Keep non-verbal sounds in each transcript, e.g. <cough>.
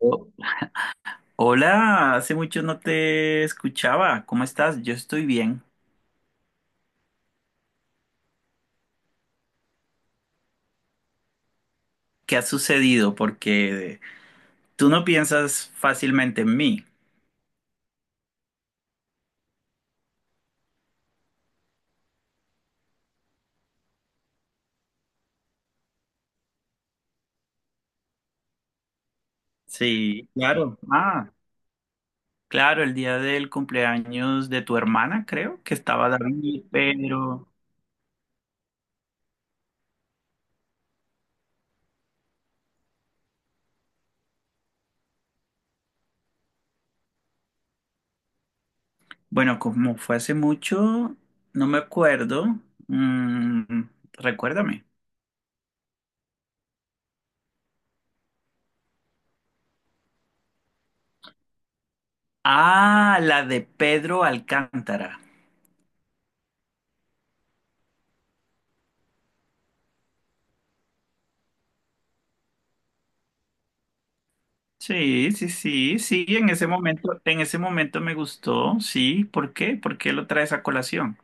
Oh, hola, hace mucho no te escuchaba. ¿Cómo estás? Yo estoy bien. ¿Qué ha sucedido? Porque tú no piensas fácilmente en mí. Sí, claro. Ah, claro, el día del cumpleaños de tu hermana, creo que estaba David, pero bueno, como fue hace mucho, no me acuerdo. Mm, recuérdame. Ah, la de Pedro Alcántara. Sí, sí, sí, sí, en ese momento me gustó, sí, ¿por qué? ¿Por qué lo traes a colación?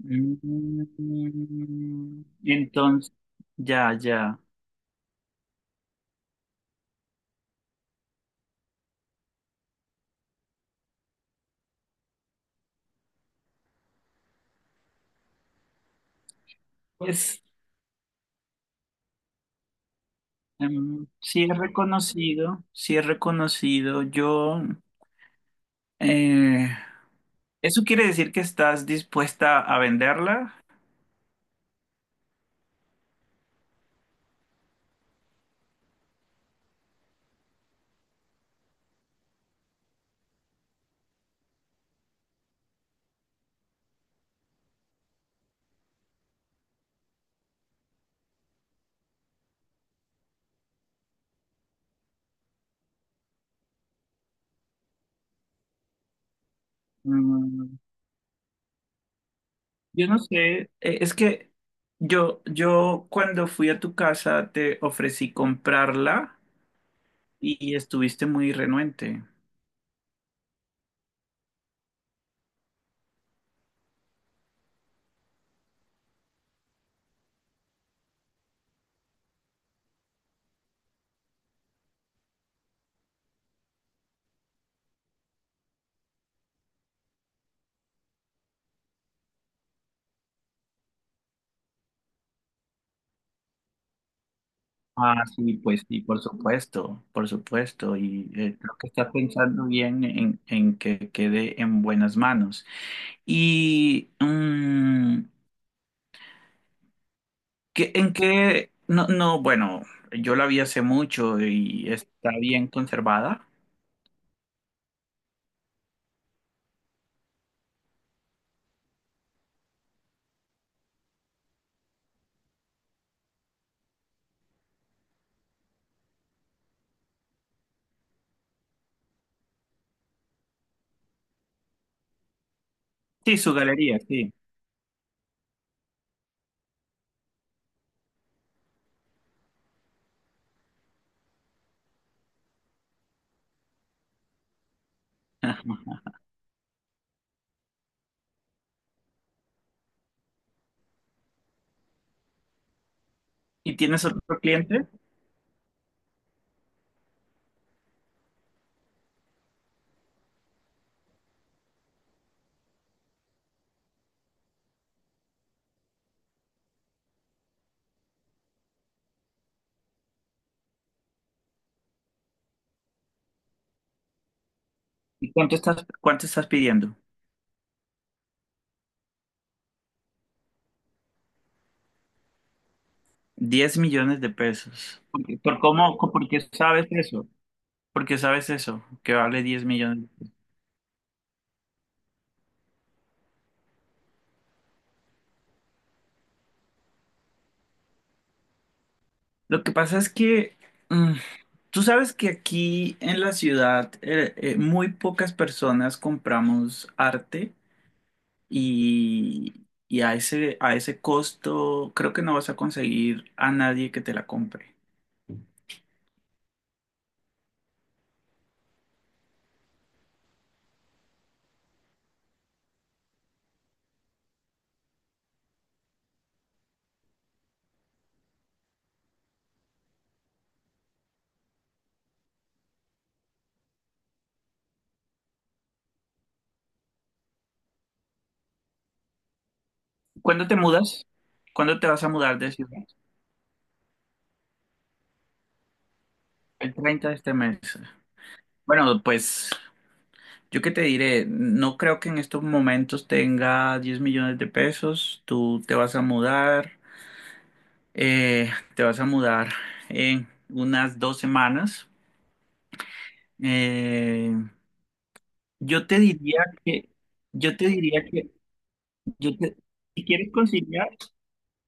Mm, Entonces, ya, ya. Pues sí es reconocido, sí es reconocido. Yo, eh, ¿eso quiere decir que estás dispuesta a venderla? Mm, yo no sé, es que yo cuando fui a tu casa te ofrecí comprarla. Y estuviste muy renuente. Ah, sí, pues sí, por supuesto, por supuesto. Y creo que estás pensando bien en que quede en buenas manos. Y no, no, bueno, yo la vi hace mucho y está bien conservada. Sí, su galería, sí. <laughs> ¿Y tienes otro cliente? ¿Y cuánto estás pidiendo? 10 millones de pesos. ¿Por qué sabes eso? Porque sabes eso, que vale 10 millones. Lo que pasa es que mm, tú sabes que aquí en la ciudad muy pocas personas compramos arte y a ese costo creo que no vas a conseguir a nadie que te la compre. ¿Cuándo te mudas? ¿Cuándo te vas a mudar de ciudad? El 30 de este mes. Bueno, pues yo qué te diré, no creo que en estos momentos tenga 10 millones de pesos, tú te vas a mudar. Eh, te vas a mudar en unas 2 semanas. Eh, yo te diría que, yo te diría que, yo te- si quieres conciliar,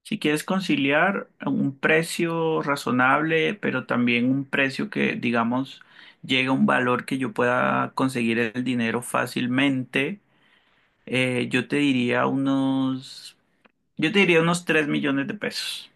si quieres conciliar a un precio razonable, pero también un precio que, digamos, llegue a un valor que yo pueda conseguir el dinero fácilmente. Eh, yo te diría unos, yo te diría unos 3 millones de pesos.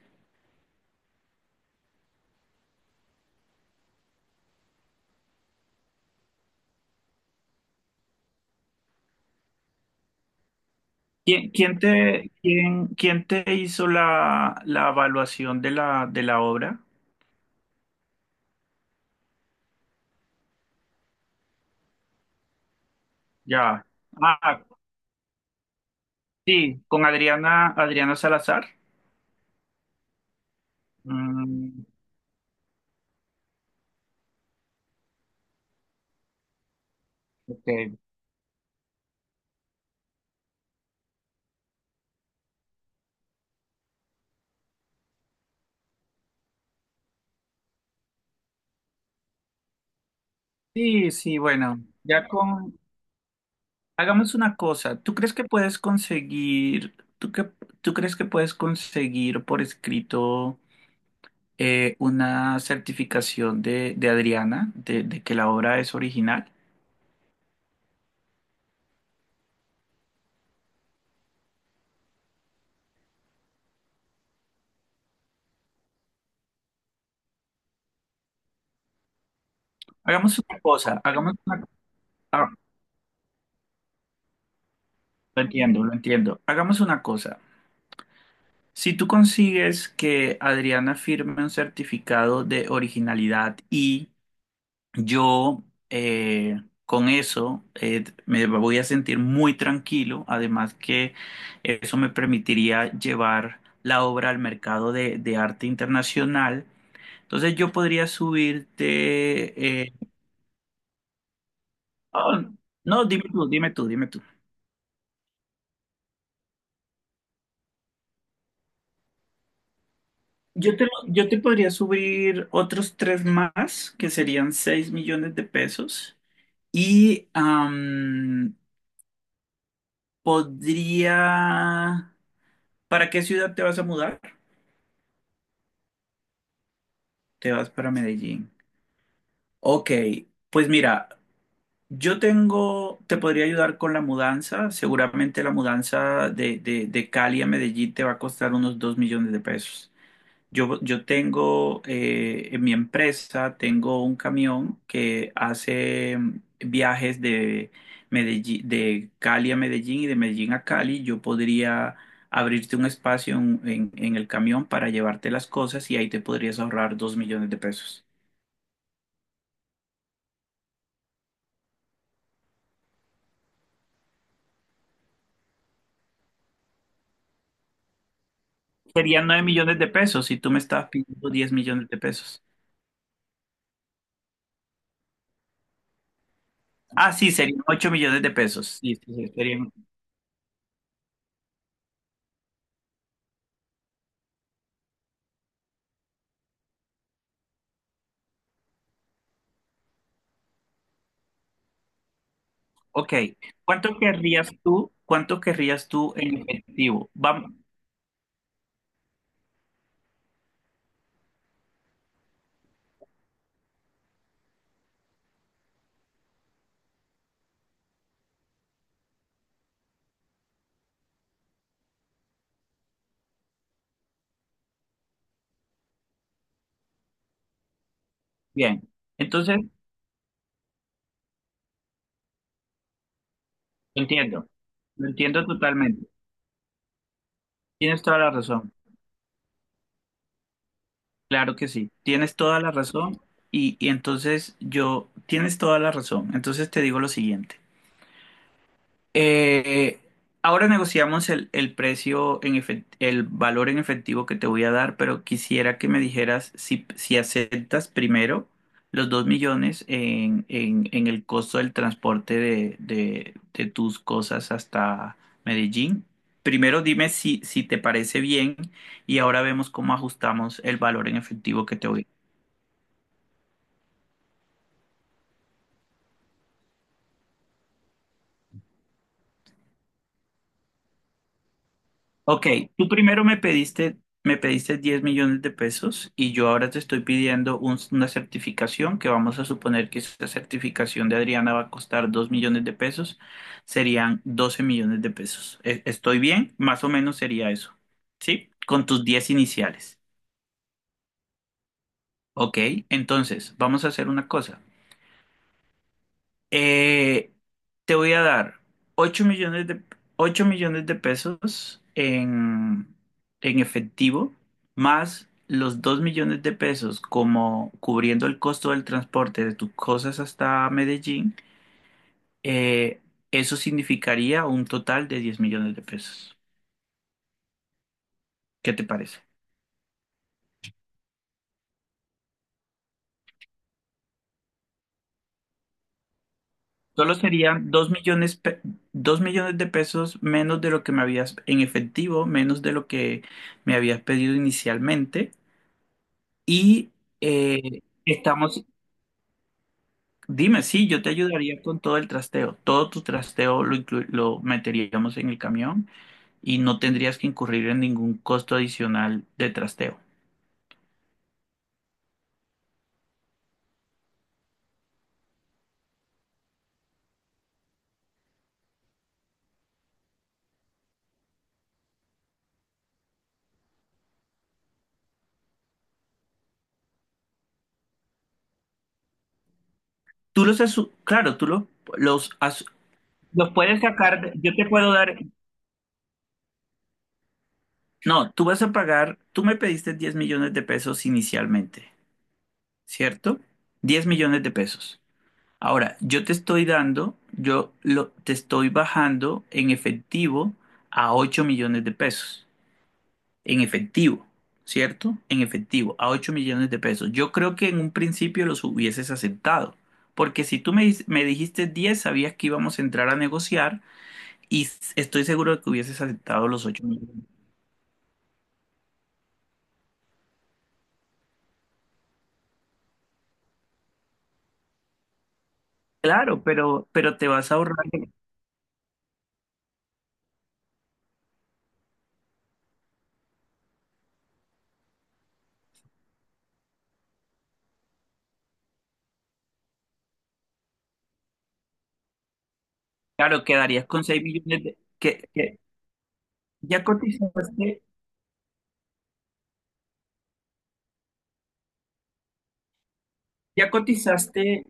¿Quién te hizo la evaluación de la obra? Ya. Ah, sí, con Adriana Salazar. Mm, ok. Sí, sí, bueno, ya con. Hagamos una cosa. ¿Tú crees que puedes conseguir, tú que, tú crees que puedes conseguir por escrito una certificación de Adriana de que la obra es original? Hagamos una cosa, ha- lo entiendo, lo entiendo. Hagamos una cosa. Si tú consigues que Adriana firme un certificado de originalidad y yo con eso me voy a sentir muy tranquilo, además que eso me permitiría llevar la obra al mercado de arte internacional, entonces yo podría subirte, oh, no, dime tú, dime tú, dime tú. Yo te podría subir otros tres más, que serían 6 millones de pesos. Y podría. ¿Para qué ciudad te vas a mudar? Te vas para Medellín. Ok, pues mira, te podría ayudar con la mudanza. Seguramente la mudanza de Cali a Medellín te va a costar unos 2 millones de pesos. Yo tengo en mi empresa, tengo un camión que hace viajes de Cali a Medellín y de Medellín a Cali. Yo podría abrirte un espacio en el camión para llevarte las cosas y ahí te podrías ahorrar 2 millones de pesos. Serían 9 millones de pesos si tú me estabas pidiendo 10 millones de pesos. Ah, sí, serían 8 millones de pesos. Sí, sí, sí, serían. Ok. ¿Cuánto querrías tú? ¿Cuánto querrías tú en efectivo? Vamos. Bien, entonces lo entiendo, lo entiendo totalmente. Tienes toda la razón, claro que sí, tienes toda la razón y entonces yo, tienes toda la razón, entonces te digo lo siguiente. Eh, ahora negociamos el valor en efectivo que te voy a dar, pero quisiera que me dijeras si aceptas primero los 2 millones en el costo del transporte de tus cosas hasta Medellín. Primero dime si te parece bien y ahora vemos cómo ajustamos el valor en efectivo que te voy a. Ok, tú primero me pediste 10 millones de pesos y yo ahora te estoy pidiendo una certificación que vamos a suponer que esa certificación de Adriana va a costar 2 millones de pesos, serían 12 millones de pesos. ¿Estoy bien? Más o menos sería eso, ¿sí? Con tus 10 iniciales. Ok, entonces vamos a hacer una cosa. Eh, te voy a dar 8 millones de, 8 millones de pesos en efectivo, más los 2 millones de pesos como cubriendo el costo del transporte de tus cosas hasta Medellín. eh, eso significaría un total de 10 millones de pesos. ¿Qué te parece? Solo serían 2 millones de pesos menos de lo que me habías en efectivo, menos de lo que me habías pedido inicialmente. Y estamos, dime, sí, yo te ayudaría con todo el trasteo. Todo tu trasteo lo meteríamos en el camión y no tendrías que incurrir en ningún costo adicional de trasteo. Claro, tú lo- los, as- los puedes sacar, de- yo te puedo dar, no, tú vas a pagar, tú me pediste 10 millones de pesos inicialmente, ¿cierto? 10 millones de pesos. Ahora, yo te estoy dando, yo lo, te estoy bajando en efectivo a 8 millones de pesos. En efectivo, ¿cierto? En efectivo, a 8 millones de pesos. Yo creo que en un principio los hubieses aceptado, porque si tú me dijiste 10, sabías que íbamos a entrar a negociar y estoy seguro de que hubieses aceptado los 8 millones. Claro, pero te vas a ahorrar. Claro, quedarías con 6 millones de. Que, ya cotizaste, ya cotizaste,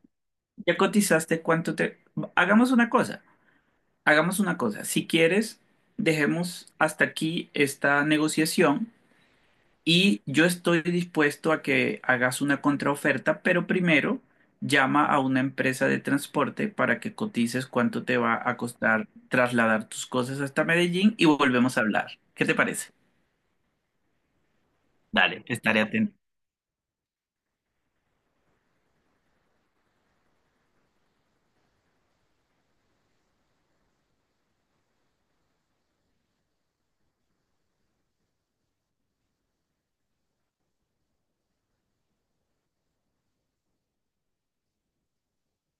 ya cotizaste cuánto te. Hagamos una cosa, hagamos una cosa. Si quieres, dejemos hasta aquí esta negociación y yo estoy dispuesto a que hagas una contraoferta, pero primero llama a una empresa de transporte para que cotices cuánto te va a costar trasladar tus cosas hasta Medellín y volvemos a hablar. ¿Qué te parece? Dale, estaré atento.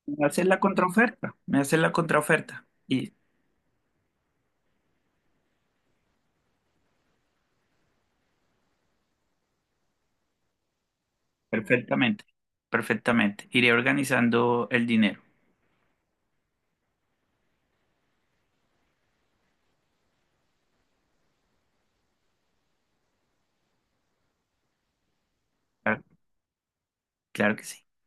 Me haces la contraoferta, me haces la contraoferta y perfectamente, perfectamente. Iré organizando el dinero. Claro, claro que sí.